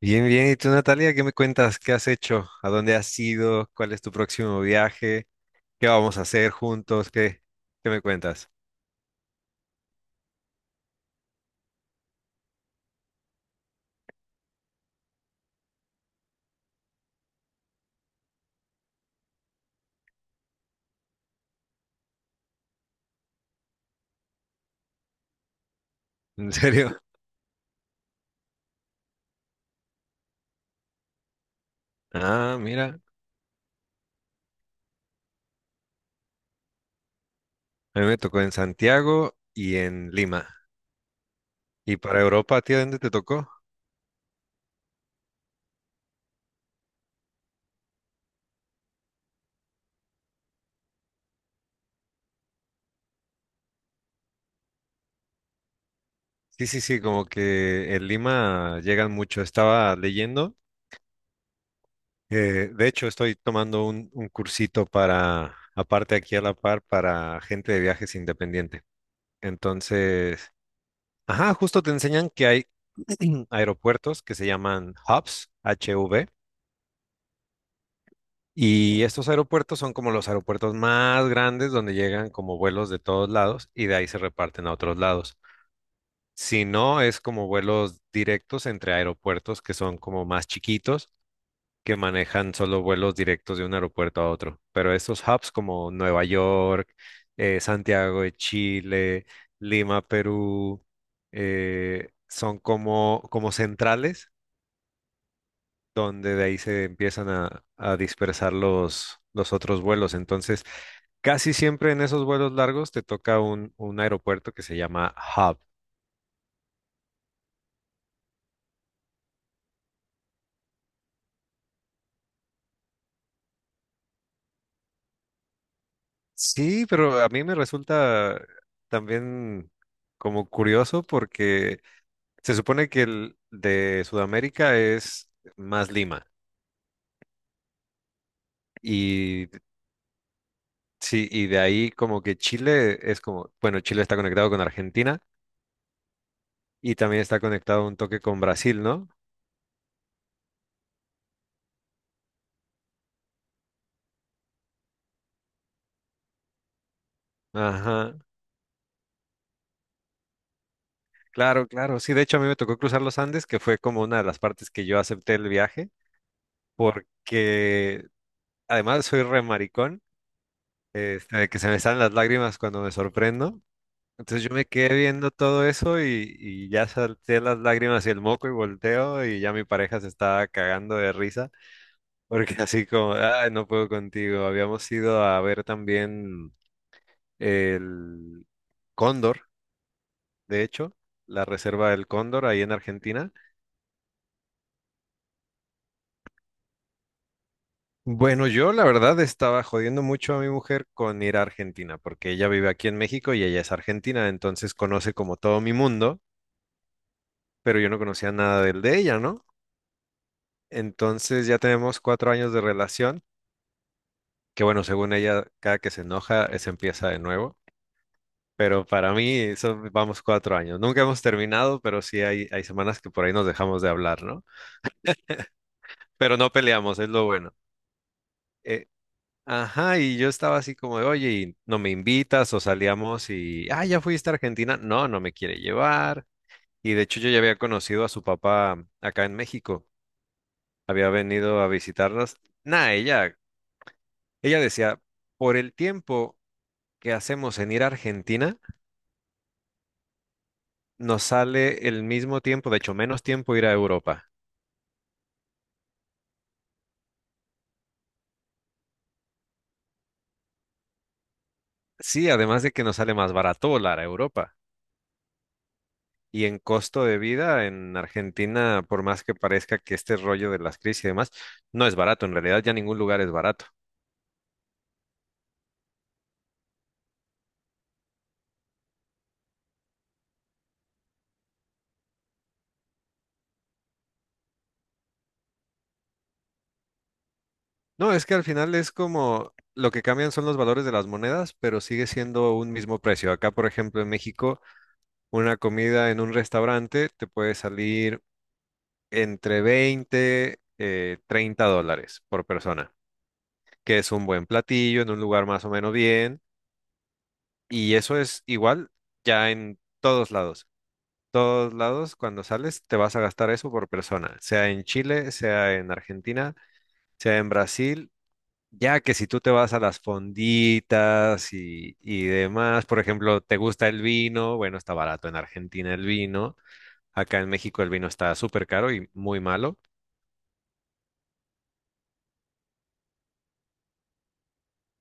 Bien, bien. ¿Y tú, Natalia, qué me cuentas? ¿Qué has hecho? ¿A dónde has ido? ¿Cuál es tu próximo viaje? ¿Qué vamos a hacer juntos? ¿Qué me cuentas? ¿En serio? Ah, mira. A mí me tocó en Santiago y en Lima. ¿Y para Europa, a ti, a dónde te tocó? Sí, sí, sí, como que en Lima llegan mucho. Estaba leyendo. De hecho, estoy tomando un cursito para, aparte aquí a la par, para gente de viajes independiente. Entonces. Ajá, justo te enseñan que hay aeropuertos que se llaman hubs, HV, y estos aeropuertos son como los aeropuertos más grandes donde llegan como vuelos de todos lados y de ahí se reparten a otros lados. Si no, es como vuelos directos entre aeropuertos que son como más chiquitos, que manejan solo vuelos directos de un aeropuerto a otro. Pero estos hubs como Nueva York, Santiago de Chile, Lima, Perú, son como centrales donde de ahí se empiezan a dispersar los otros vuelos. Entonces, casi siempre en esos vuelos largos te toca un aeropuerto que se llama hub. Sí, pero a mí me resulta también como curioso porque se supone que el de Sudamérica es más Lima. Y sí, y de ahí como que Chile es como, bueno, Chile está conectado con Argentina y también está conectado un toque con Brasil, ¿no? Ajá. Claro, claro. Sí, de hecho a mí me tocó cruzar los Andes, que fue como una de las partes que yo acepté el viaje, porque además soy re maricón, este, que se me salen las lágrimas cuando me sorprendo. Entonces yo me quedé viendo todo eso y ya salté las lágrimas y el moco y volteo y ya mi pareja se estaba cagando de risa, porque así como, ay, no puedo contigo. Habíamos ido a ver también el Cóndor, de hecho, la reserva del Cóndor ahí en Argentina. Bueno, yo la verdad estaba jodiendo mucho a mi mujer con ir a Argentina, porque ella vive aquí en México y ella es argentina, entonces conoce como todo mi mundo, pero yo no conocía nada del de ella, ¿no? Entonces ya tenemos 4 años de relación, que bueno, según ella, cada que se enoja, se empieza de nuevo, pero para mí eso vamos 4 años. Nunca hemos terminado, pero sí hay semanas que por ahí nos dejamos de hablar, ¿no? Pero no peleamos, es lo bueno. Eh, Ajá, y yo estaba así como de, oye, ¿y no me invitas o salíamos y, ah, ya fuiste a Argentina. No, no me quiere llevar. Y de hecho yo ya había conocido a su papá acá en México. Había venido a visitarnos. Nah, ella decía, por el tiempo que hacemos en ir a Argentina, nos sale el mismo tiempo, de hecho menos tiempo ir a Europa. Sí, además de que nos sale más barato volar a Europa. Y en costo de vida en Argentina, por más que parezca que este rollo de las crisis y demás, no es barato. En realidad ya ningún lugar es barato. No, es que al final es como lo que cambian son los valores de las monedas, pero sigue siendo un mismo precio. Acá, por ejemplo, en México, una comida en un restaurante te puede salir entre 20, $30 por persona, que es un buen platillo en un lugar más o menos bien. Y eso es igual ya en todos lados. Cuando sales, te vas a gastar eso por persona, sea en Chile, sea en Argentina, sea en Brasil, ya que si tú te vas a las fonditas y demás, por ejemplo, te gusta el vino, bueno, está barato en Argentina el vino, acá en México el vino está súper caro y muy malo.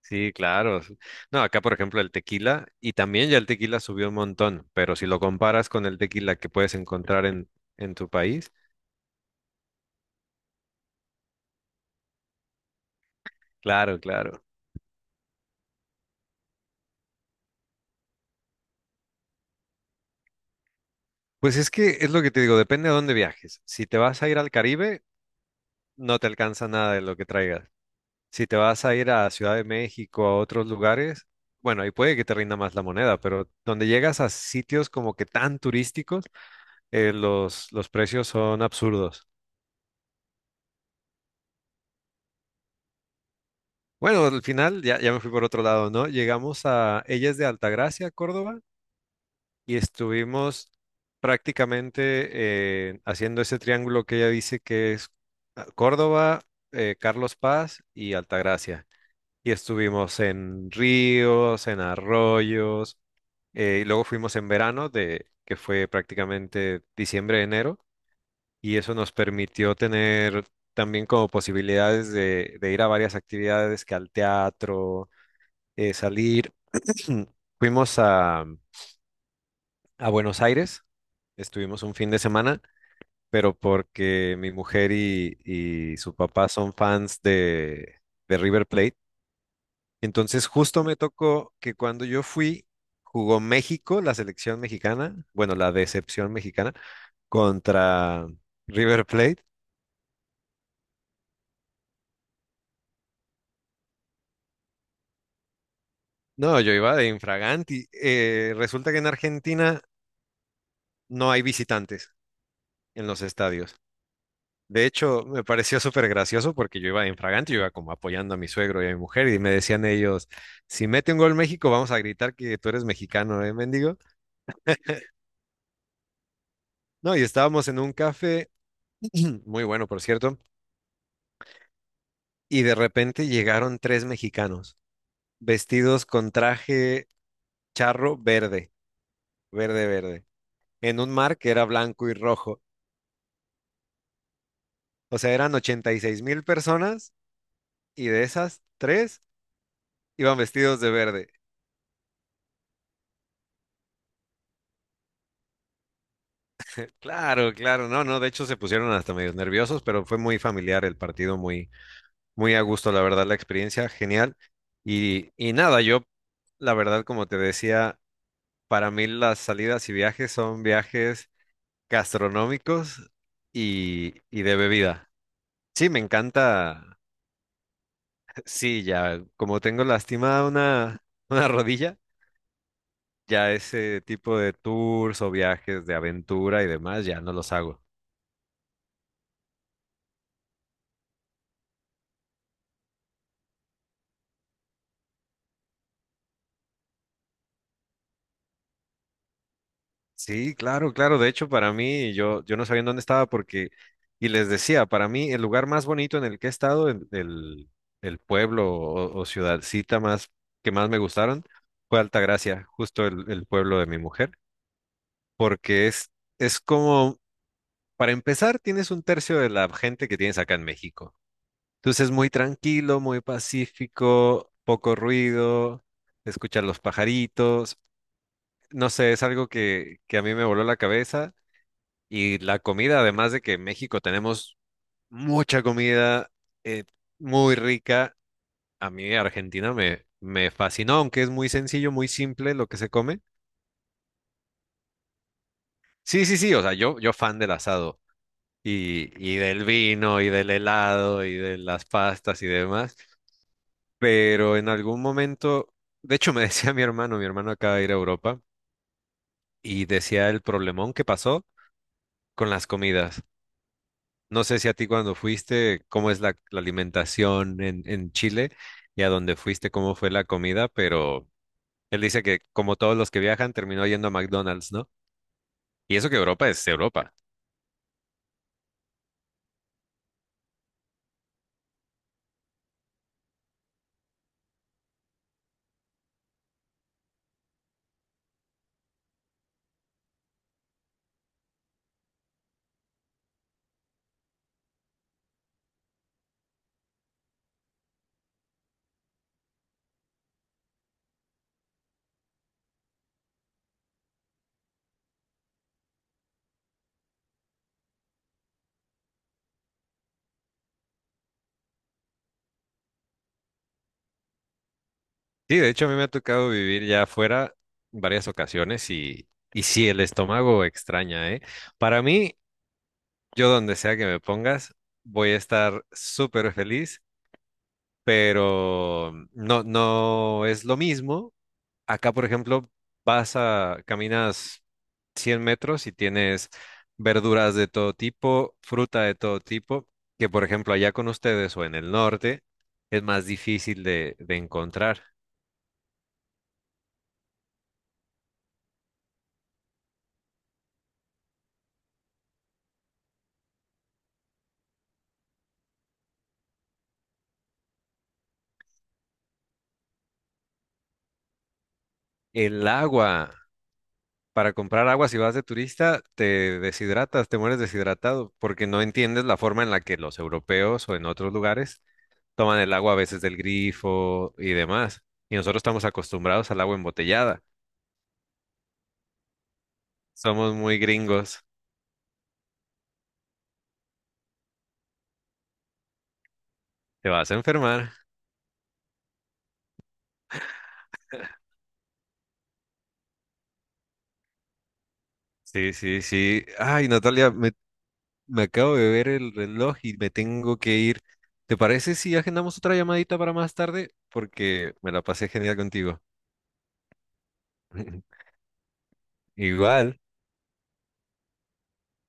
Sí, claro. No, acá por ejemplo el tequila, y también ya el tequila subió un montón, pero si lo comparas con el tequila que puedes encontrar en tu país, claro, claro. Pues es que es lo que te digo, depende a dónde viajes. Si te vas a ir al Caribe, no te alcanza nada de lo que traigas. Si te vas a ir a Ciudad de México, a otros lugares, bueno, ahí puede que te rinda más la moneda, pero donde llegas a sitios como que tan turísticos, los precios son absurdos. Bueno, al final ya me fui por otro lado, ¿no? Llegamos a, ella es de Altagracia, Córdoba, y estuvimos prácticamente haciendo ese triángulo que ella dice que es Córdoba, Carlos Paz y Altagracia. Y estuvimos en ríos, en arroyos, y luego fuimos en verano, que fue prácticamente diciembre, enero, y eso nos permitió tener también como posibilidades de ir a varias actividades, que al teatro, salir. Fuimos a Buenos Aires. Estuvimos un fin de semana, pero porque mi mujer y su papá son fans de River Plate. Entonces justo me tocó que cuando yo fui, jugó México, la selección mexicana, bueno, la decepción mexicana, contra River Plate. No, yo iba de infraganti. Resulta que en Argentina no hay visitantes en los estadios. De hecho, me pareció súper gracioso porque yo iba en fragante, yo iba como apoyando a mi suegro y a mi mujer y me decían ellos, si mete un gol México, vamos a gritar que tú eres mexicano, ¿eh, mendigo? No, y estábamos en un café, muy bueno, por cierto, y de repente llegaron tres mexicanos vestidos con traje charro verde, verde, verde, en un mar que era blanco y rojo. O sea, eran 86 mil personas y de esas, tres iban vestidos de verde. Claro, claro, no, no, de hecho se pusieron hasta medio nerviosos, pero fue muy familiar el partido, muy, muy a gusto, la verdad, la experiencia, genial. Y nada, yo, la verdad, como te decía, para mí las salidas y viajes son viajes gastronómicos y de bebida. Sí, me encanta, sí, ya, como tengo lastimada una, una rodilla, ya ese tipo de tours o viajes de aventura y demás, ya no los hago. Sí, claro, claro. De hecho, para mí, yo no sabía en dónde estaba porque, y les decía, para mí el lugar más bonito en el que he estado, el pueblo o ciudadcita más que más me gustaron, fue Altagracia, justo el pueblo de mi mujer, porque es como, para empezar, tienes un tercio de la gente que tienes acá en México. Entonces, muy tranquilo, muy pacífico, poco ruido, escuchar los pajaritos. No sé, es algo que a mí me voló la cabeza. Y la comida, además de que en México tenemos mucha comida eh, muy rica, a mí Argentina me fascinó, aunque es muy sencillo, muy simple lo que se come. Sí, sí, sí, o sea, yo fan del asado y del vino y del helado y de las pastas y demás, pero en algún momento, de hecho me decía mi hermano acaba de ir a Europa y decía el problemón que pasó con las comidas. No sé si a ti cuando fuiste, cómo es la alimentación en Chile y a dónde fuiste, cómo fue la comida, pero él dice que como todos los que viajan, terminó yendo a McDonald's, ¿no? Y eso que Europa es Europa. Sí, de hecho a mí me ha tocado vivir ya afuera varias ocasiones y sí, el estómago extraña, ¿eh? Para mí, yo donde sea que me pongas, voy a estar súper feliz, pero no, no es lo mismo. Acá, por ejemplo, caminas 100 metros y tienes verduras de todo tipo, fruta de todo tipo, que por ejemplo allá con ustedes o en el norte es más difícil de encontrar. El agua, para comprar agua si vas de turista, te deshidratas, te mueres deshidratado, porque no entiendes la forma en la que los europeos o en otros lugares toman el agua a veces del grifo y demás. Y nosotros estamos acostumbrados al agua embotellada. Somos muy gringos. Te vas a enfermar. Sí, sí, sí. Ay, Natalia, me acabo de ver el reloj y me tengo que ir. ¿Te parece si agendamos otra llamadita para más tarde? Porque me la pasé genial contigo. Igual.